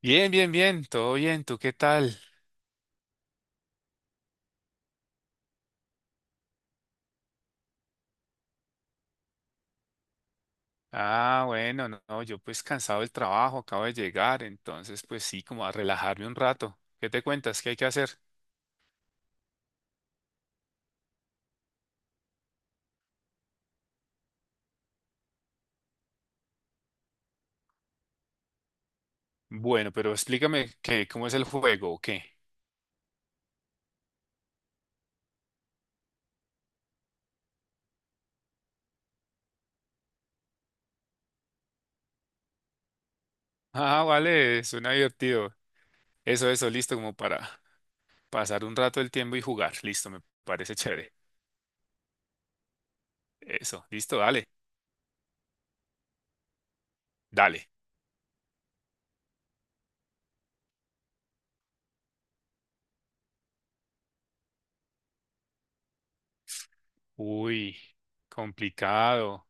Bien, bien, bien, todo bien, ¿tú qué tal? Ah, bueno, no, no, yo pues cansado del trabajo, acabo de llegar, entonces pues sí, como a relajarme un rato. ¿Qué te cuentas? ¿Qué hay que hacer? Bueno, pero explícame qué, cómo es el juego o qué. Ah, vale, suena divertido. Eso, listo, como para pasar un rato el tiempo y jugar. Listo, me parece chévere. Eso, listo, dale, dale. Uy, complicado.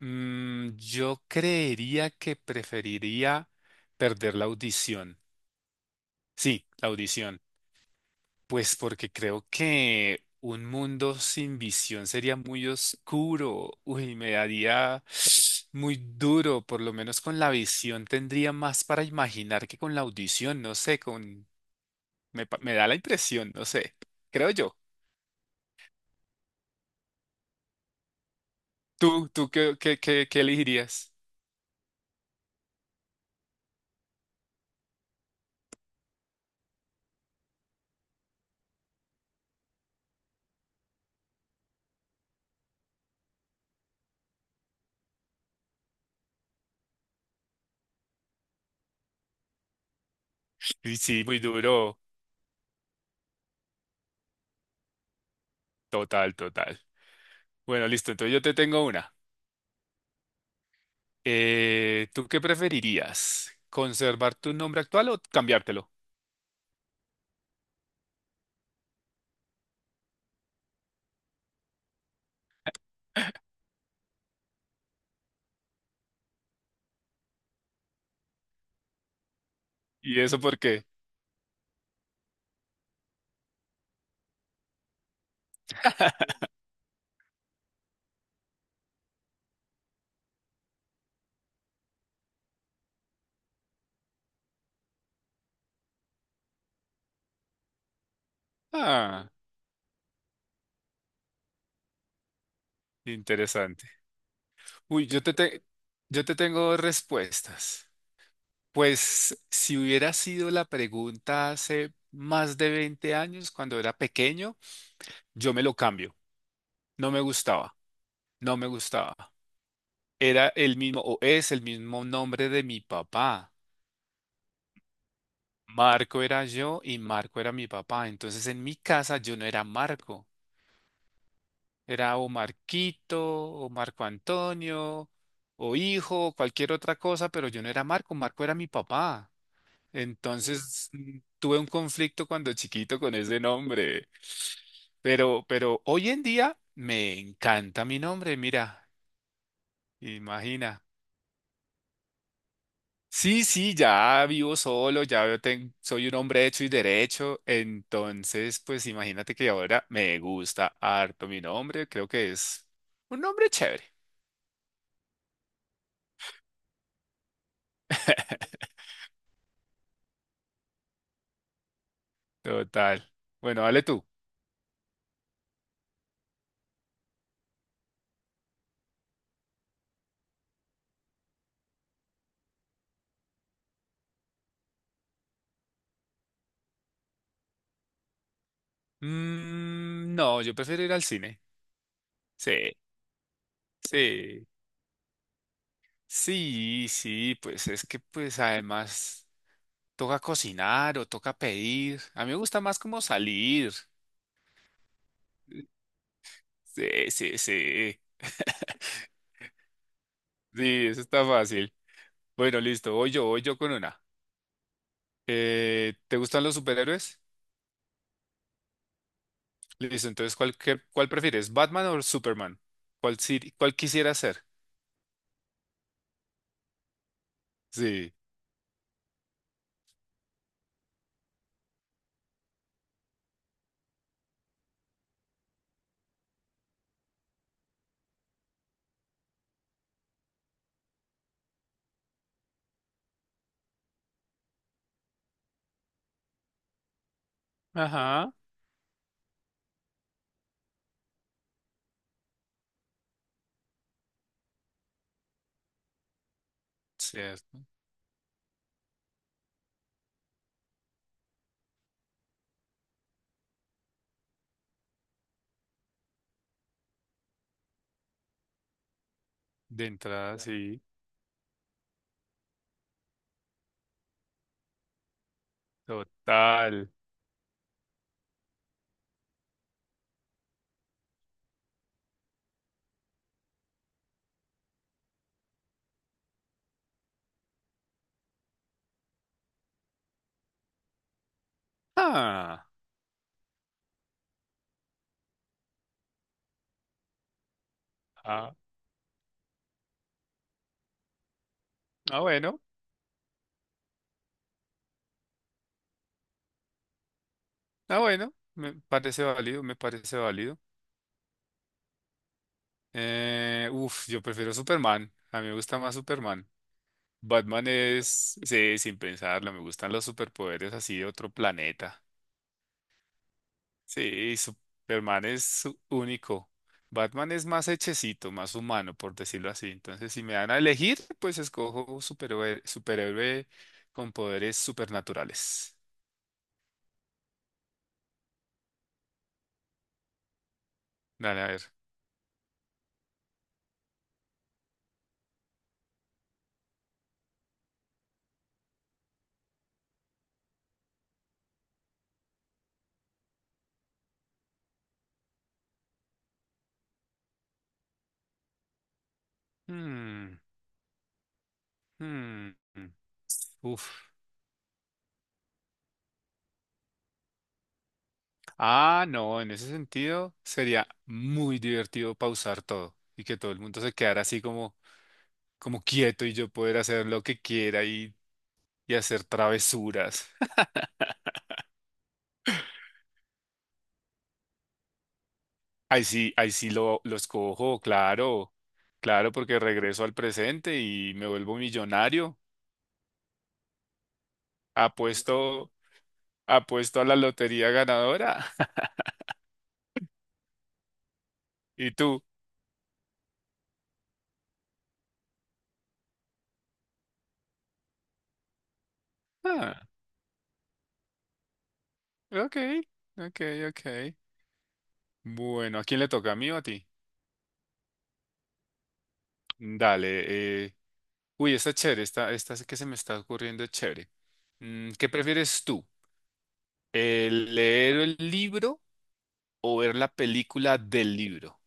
Yo creería que preferiría perder la audición. Sí, la audición. Pues porque creo que un mundo sin visión sería muy oscuro. Uy, me daría muy duro. Por lo menos con la visión tendría más para imaginar que con la audición. No sé, me da la impresión, no sé. Creo yo. ¿Tú, tú qué elegirías? Y sí, muy duro. Total, total. Bueno, listo. Entonces yo te tengo una. ¿Tú qué preferirías? ¿Conservar tu nombre actual o cambiártelo? ¿Y eso por qué? Ah, interesante. Uy, yo te tengo respuestas. Pues si hubiera sido la pregunta hace más de 20 años, cuando era pequeño, yo me lo cambio. No me gustaba, no me gustaba. Era el mismo, o es el mismo nombre de mi papá. Marco era yo y Marco era mi papá. Entonces en mi casa yo no era Marco, era o Marquito, o Marco Antonio, o hijo, o cualquier otra cosa, pero yo no era Marco, Marco era mi papá. Entonces tuve un conflicto cuando chiquito con ese nombre. Pero hoy en día me encanta mi nombre, mira, imagina. Sí, sí, ya vivo solo, soy un hombre hecho y derecho, entonces pues imagínate que ahora me gusta harto mi nombre, creo que es un nombre chévere. Total. Bueno, dale tú. No, yo prefiero ir al cine. Sí, sí, sí, sí, pues es que pues además toca cocinar o toca pedir. A mí me gusta más como salir. Sí, sí, sí. Sí, eso está fácil. Bueno, listo, voy yo con una. ¿Te gustan los superhéroes? Listo, entonces, ¿cuál prefieres? ¿Batman o Superman? ¿Cuál, si- ¿cuál quisieras ser? Sí. Ajá. Cierto. De entrada, sí, total. Ah, ah, ah, bueno, ah, bueno, me parece válido, me parece válido. Uf, yo prefiero Superman, a mí me gusta más Superman. Batman es, sí, sin pensarlo, me gustan los superpoderes así de otro planeta. Sí, Superman es único. Batman es más hechecito, más humano, por decirlo así. Entonces, si me dan a elegir, pues escojo superhéroe, superhéroe con poderes supernaturales. Dale, a ver. Hmm, mm, mm. Uf. Ah, no, en ese sentido sería muy divertido pausar todo y que todo el mundo se quedara así como, como quieto y yo poder hacer lo que quiera y hacer travesuras. Ahí sí lo escojo, claro, claro, porque regreso al presente y me vuelvo millonario. Apuesto, apuesto a la lotería ganadora. ¿Y tú? Ah, ok, ok, ok. Bueno, ¿a quién le toca? ¿A mí o a ti? Dale. eh, Uy, está chévere. Esta sí que se me está ocurriendo es chévere. ¿Qué prefieres tú? ¿El leer el libro o ver la película del libro?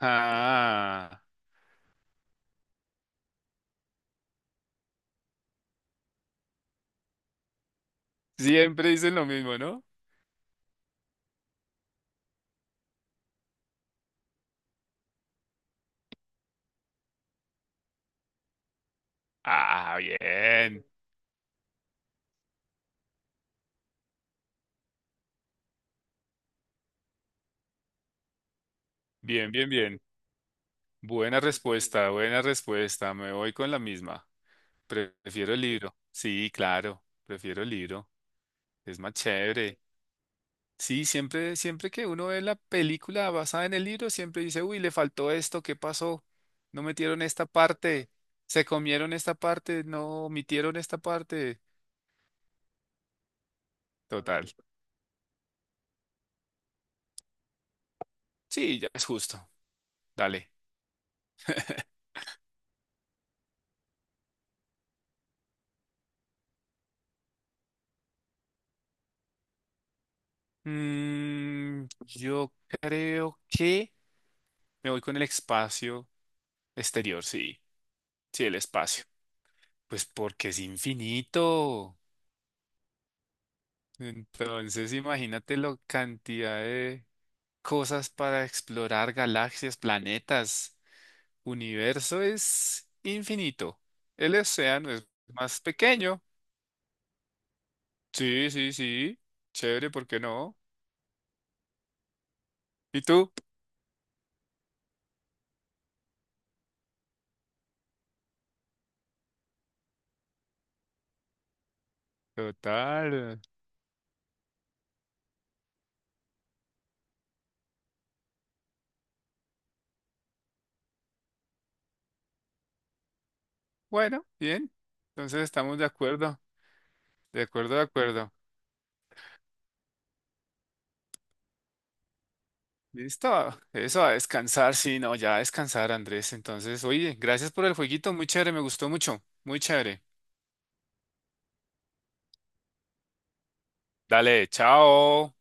Ah, siempre dicen lo mismo, ¿no? Ah, bien. Bien, bien, bien. Buena respuesta, buena respuesta. Me voy con la misma. Prefiero el libro. Sí, claro, prefiero el libro. Es más chévere. Sí, siempre, siempre que uno ve la película basada en el libro, siempre dice, uy, le faltó esto, ¿qué pasó? No metieron esta parte, se comieron esta parte, no omitieron esta parte. Total. Sí, ya es justo. Dale. Yo creo que me voy con el espacio exterior, sí. Sí, el espacio. Pues porque es infinito. Entonces, imagínate la cantidad de cosas para explorar, galaxias, planetas. Universo es infinito. El océano es más pequeño. Sí, sí, sí. Chévere, ¿por qué no? ¿Y tú? Total. Bueno, bien. Entonces estamos de acuerdo. De acuerdo, de acuerdo. Listo. Eso, a descansar. Sí, no, ya a descansar, Andrés. Entonces, oye, gracias por el jueguito. Muy chévere, me gustó mucho. Muy chévere. Dale, chao.